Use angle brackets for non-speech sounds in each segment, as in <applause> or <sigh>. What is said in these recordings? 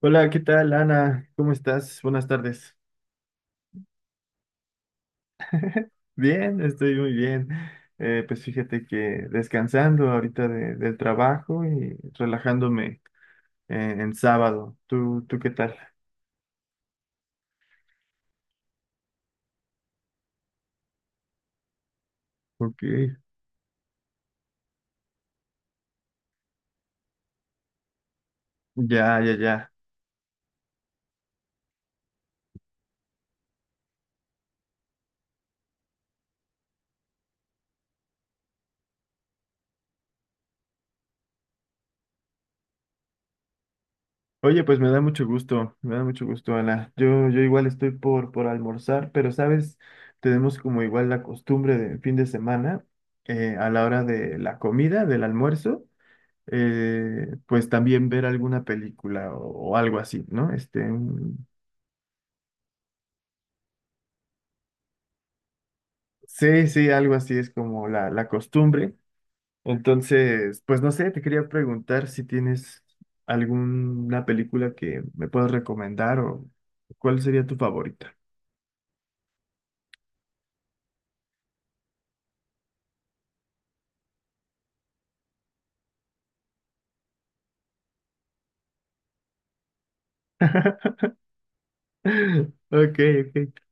Hola, ¿qué tal, Ana? ¿Cómo estás? Buenas tardes. Bien, estoy muy bien. Pues fíjate que descansando ahorita del trabajo y relajándome en sábado. ¿Tú qué tal? Ok. Ya, ya, ya. Oye, pues me da mucho gusto, me da mucho gusto, Ana. Yo igual estoy por almorzar, pero sabes, tenemos como igual la costumbre de fin de semana, a la hora de la comida, del almuerzo. Pues también ver alguna película o algo así, ¿no? Este, mm, sí, sí, algo así es como la costumbre. Entonces, pues no sé, te quería preguntar si tienes alguna película que me puedas recomendar o cuál sería tu favorita. <laughs> Ok, ok.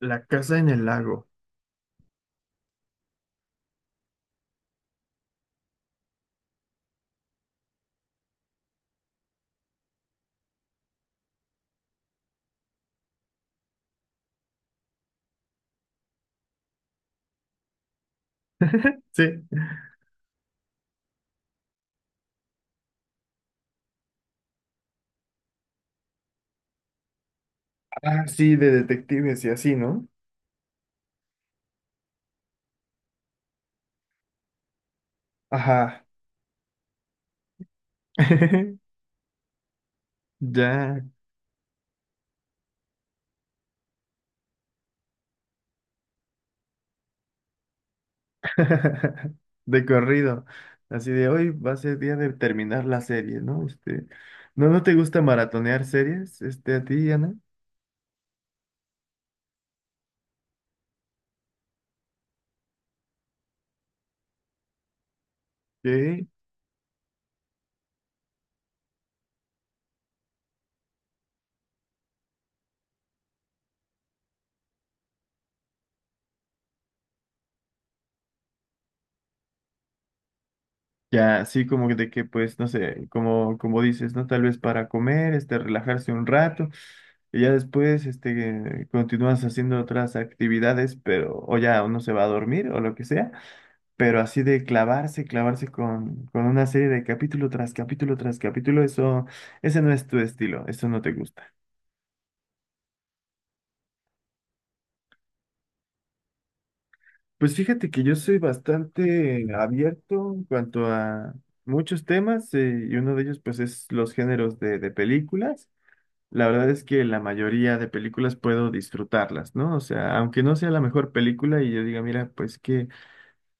La casa en el lago. Sí. Ah, sí, de detectives y así, ¿no? Ajá. <laughs> Ya. <laughs> De corrido. Así de hoy va a ser día de terminar la serie, ¿no? Este, ¿no, no te gusta maratonear series, este, a ti, Ana? Sí. Ya, así como que de que, pues, no sé, como, como dices, ¿no? Tal vez para comer, este, relajarse un rato, y ya después, este, continúas haciendo otras actividades, pero, o ya uno se va a dormir o lo que sea, pero así de clavarse, clavarse con una serie de capítulo tras capítulo tras capítulo, eso, ese no es tu estilo, eso no te gusta. Pues fíjate que yo soy bastante abierto en cuanto a muchos temas y uno de ellos pues es los géneros de películas. La verdad es que la mayoría de películas puedo disfrutarlas, ¿no? O sea, aunque no sea la mejor película y yo diga, mira, pues qué,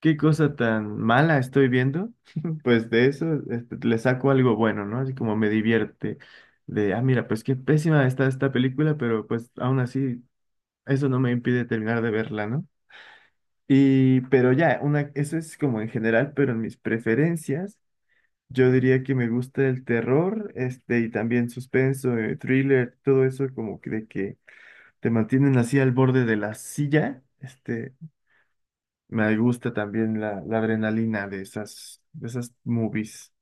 qué cosa tan mala estoy viendo, <laughs> pues de eso este, le saco algo bueno, ¿no? Así como me divierte de, ah, mira, pues qué pésima está esta película, pero pues aún así eso no me impide terminar de verla, ¿no? Y, pero ya, una, eso es como en general, pero en mis preferencias, yo diría que me gusta el terror, este, y también suspenso, thriller, todo eso como que de que te mantienen así al borde de la silla, este, me gusta también la adrenalina de esas, movies.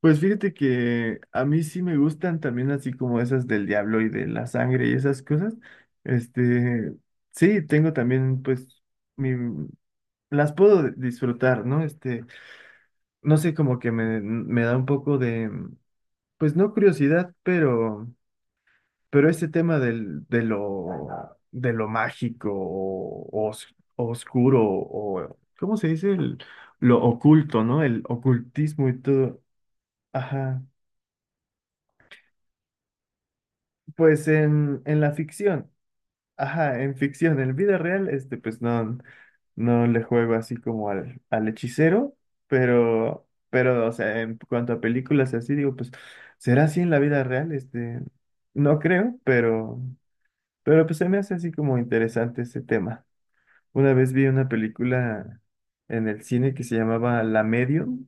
Pues fíjate que a mí sí me gustan también así como esas del diablo y de la sangre y esas cosas, este, sí, tengo también pues mi las puedo disfrutar, ¿no? Este, no sé, como que me, da un poco de, pues no curiosidad, pero, ese tema del, de lo mágico o, oscuro o, ¿cómo se dice? Lo oculto, ¿no? El ocultismo y todo. Ajá. Pues en, la ficción. Ajá, en ficción, en vida real, este, pues no, no le juego así como al, hechicero, pero, o sea, en cuanto a películas y así, digo, pues, ¿será así en la vida real? Este, no creo, pero pues se me hace así como interesante ese tema. Una vez vi una película en el cine que se llamaba La Medium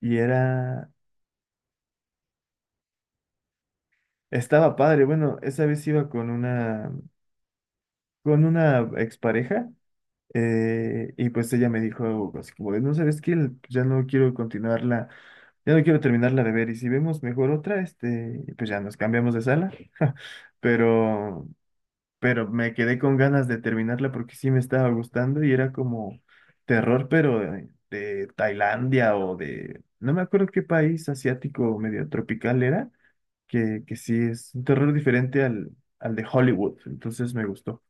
y era, estaba padre, bueno, esa vez iba con una expareja. Y pues ella me dijo algo así como de, no sabes qué, ya no quiero continuarla, ya no quiero terminarla de ver y si vemos mejor otra, este, y pues ya nos cambiamos de sala. <laughs> Pero, pero, me quedé con ganas de terminarla porque sí me estaba gustando y era como terror, pero de, Tailandia o de, no me acuerdo qué país asiático medio tropical era, que, sí es un terror diferente al de Hollywood, entonces me gustó.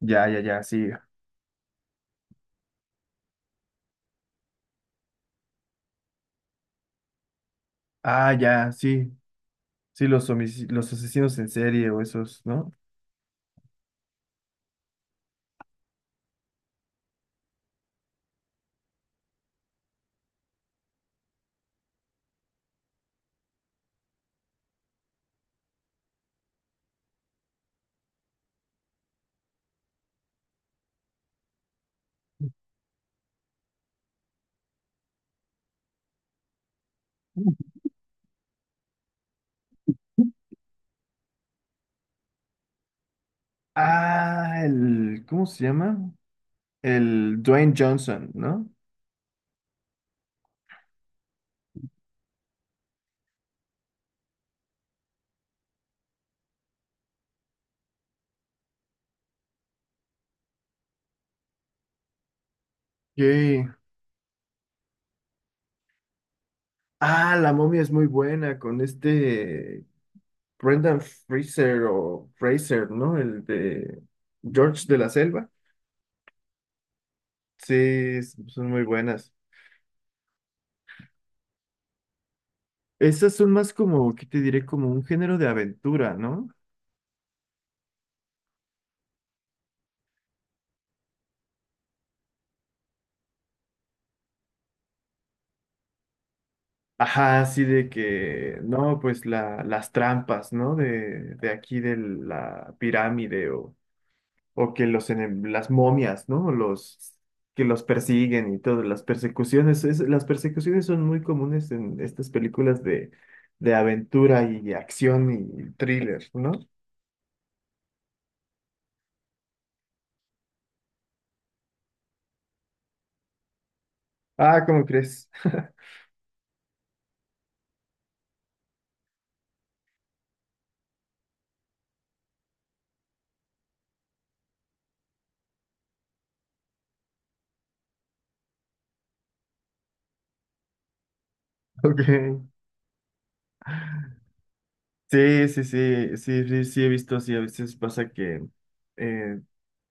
Ya, ya, ya, sí. Ah, ya, sí. Sí, los asesinos en serie o esos, ¿no? Ujú. Ah, el, ¿cómo se llama? El Dwayne Johnson, ¿no? Sí. Ah, la momia es muy buena con este Brendan Fraser o Fraser, ¿no? El de George de la Selva. Sí, son muy buenas. Esas son más como, ¿qué te diré? Como un género de aventura, ¿no? Ajá, así de que, no, pues la, las trampas, ¿no? de, aquí de la pirámide o que los las momias, ¿no? Los que los persiguen y todas las persecuciones. Las persecuciones son muy comunes en estas películas de aventura y acción y thriller, ¿no? Ah, ¿cómo crees? <laughs> Ok. Sí, sí, sí, sí, sí, sí, he visto así. A veces pasa que eh,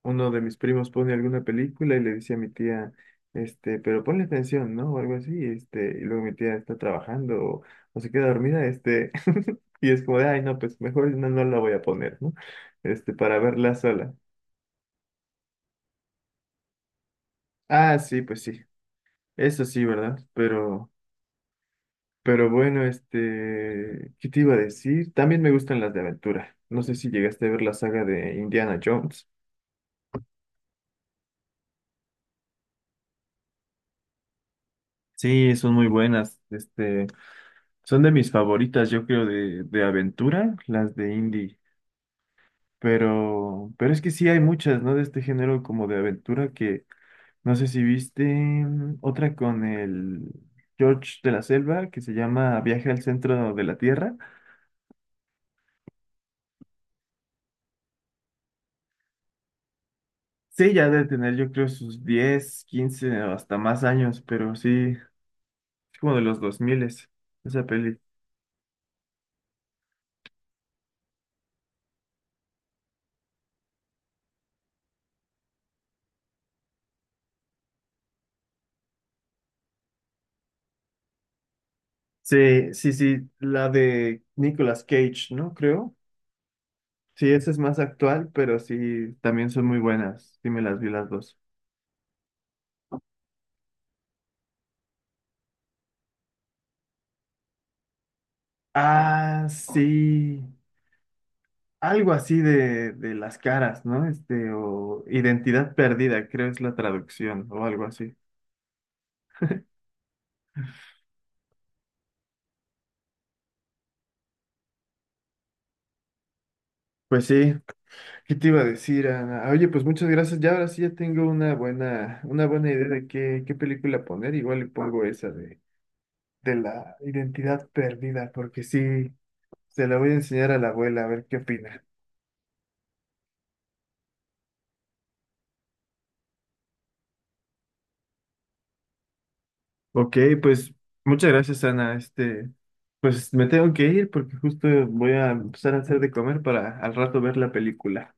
uno de mis primos pone alguna película y le dice a mi tía, este, pero ponle atención, ¿no? O algo así, este, y luego mi tía está trabajando o, se queda dormida, este, <laughs> y es como de, ay, no, pues mejor no, no la voy a poner, ¿no? Este, para verla sola. Ah, sí, pues sí, eso sí, ¿verdad? pero bueno, este, ¿qué te iba a decir? También me gustan las de aventura. No sé si llegaste a ver la saga de Indiana Jones. Sí, son muy buenas. Este, son de mis favoritas, yo creo, de, aventura, las de indie. pero es que sí hay muchas, ¿no? De este género como de aventura que no sé si viste otra con el George de la Selva que se llama Viaje al centro de la Tierra. Sí, ya debe tener, yo creo, sus 10, 15 o hasta más años, pero sí, es como de los 2000 esa peli. Sí, sí, sí, la de Nicolas Cage, ¿no? Creo. Sí, esa es más actual, pero sí, también son muy buenas. Sí, me las vi las dos. Ah, sí. Algo así de, las caras, ¿no? Este, o identidad perdida, creo es la traducción, o algo así. Pues sí, ¿qué te iba a decir, Ana? Oye, pues muchas gracias. Ya ahora sí ya tengo una buena, idea de qué película poner. Igual le pongo esa de la identidad perdida, porque sí, se la voy a enseñar a la abuela a ver qué opina. Ok, pues muchas gracias, Ana. Este, pues me tengo que ir porque justo voy a empezar a hacer de comer para al rato ver la película.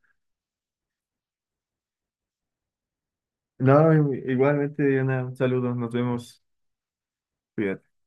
No, igualmente, Ana, un saludo, nos vemos. Cuídate.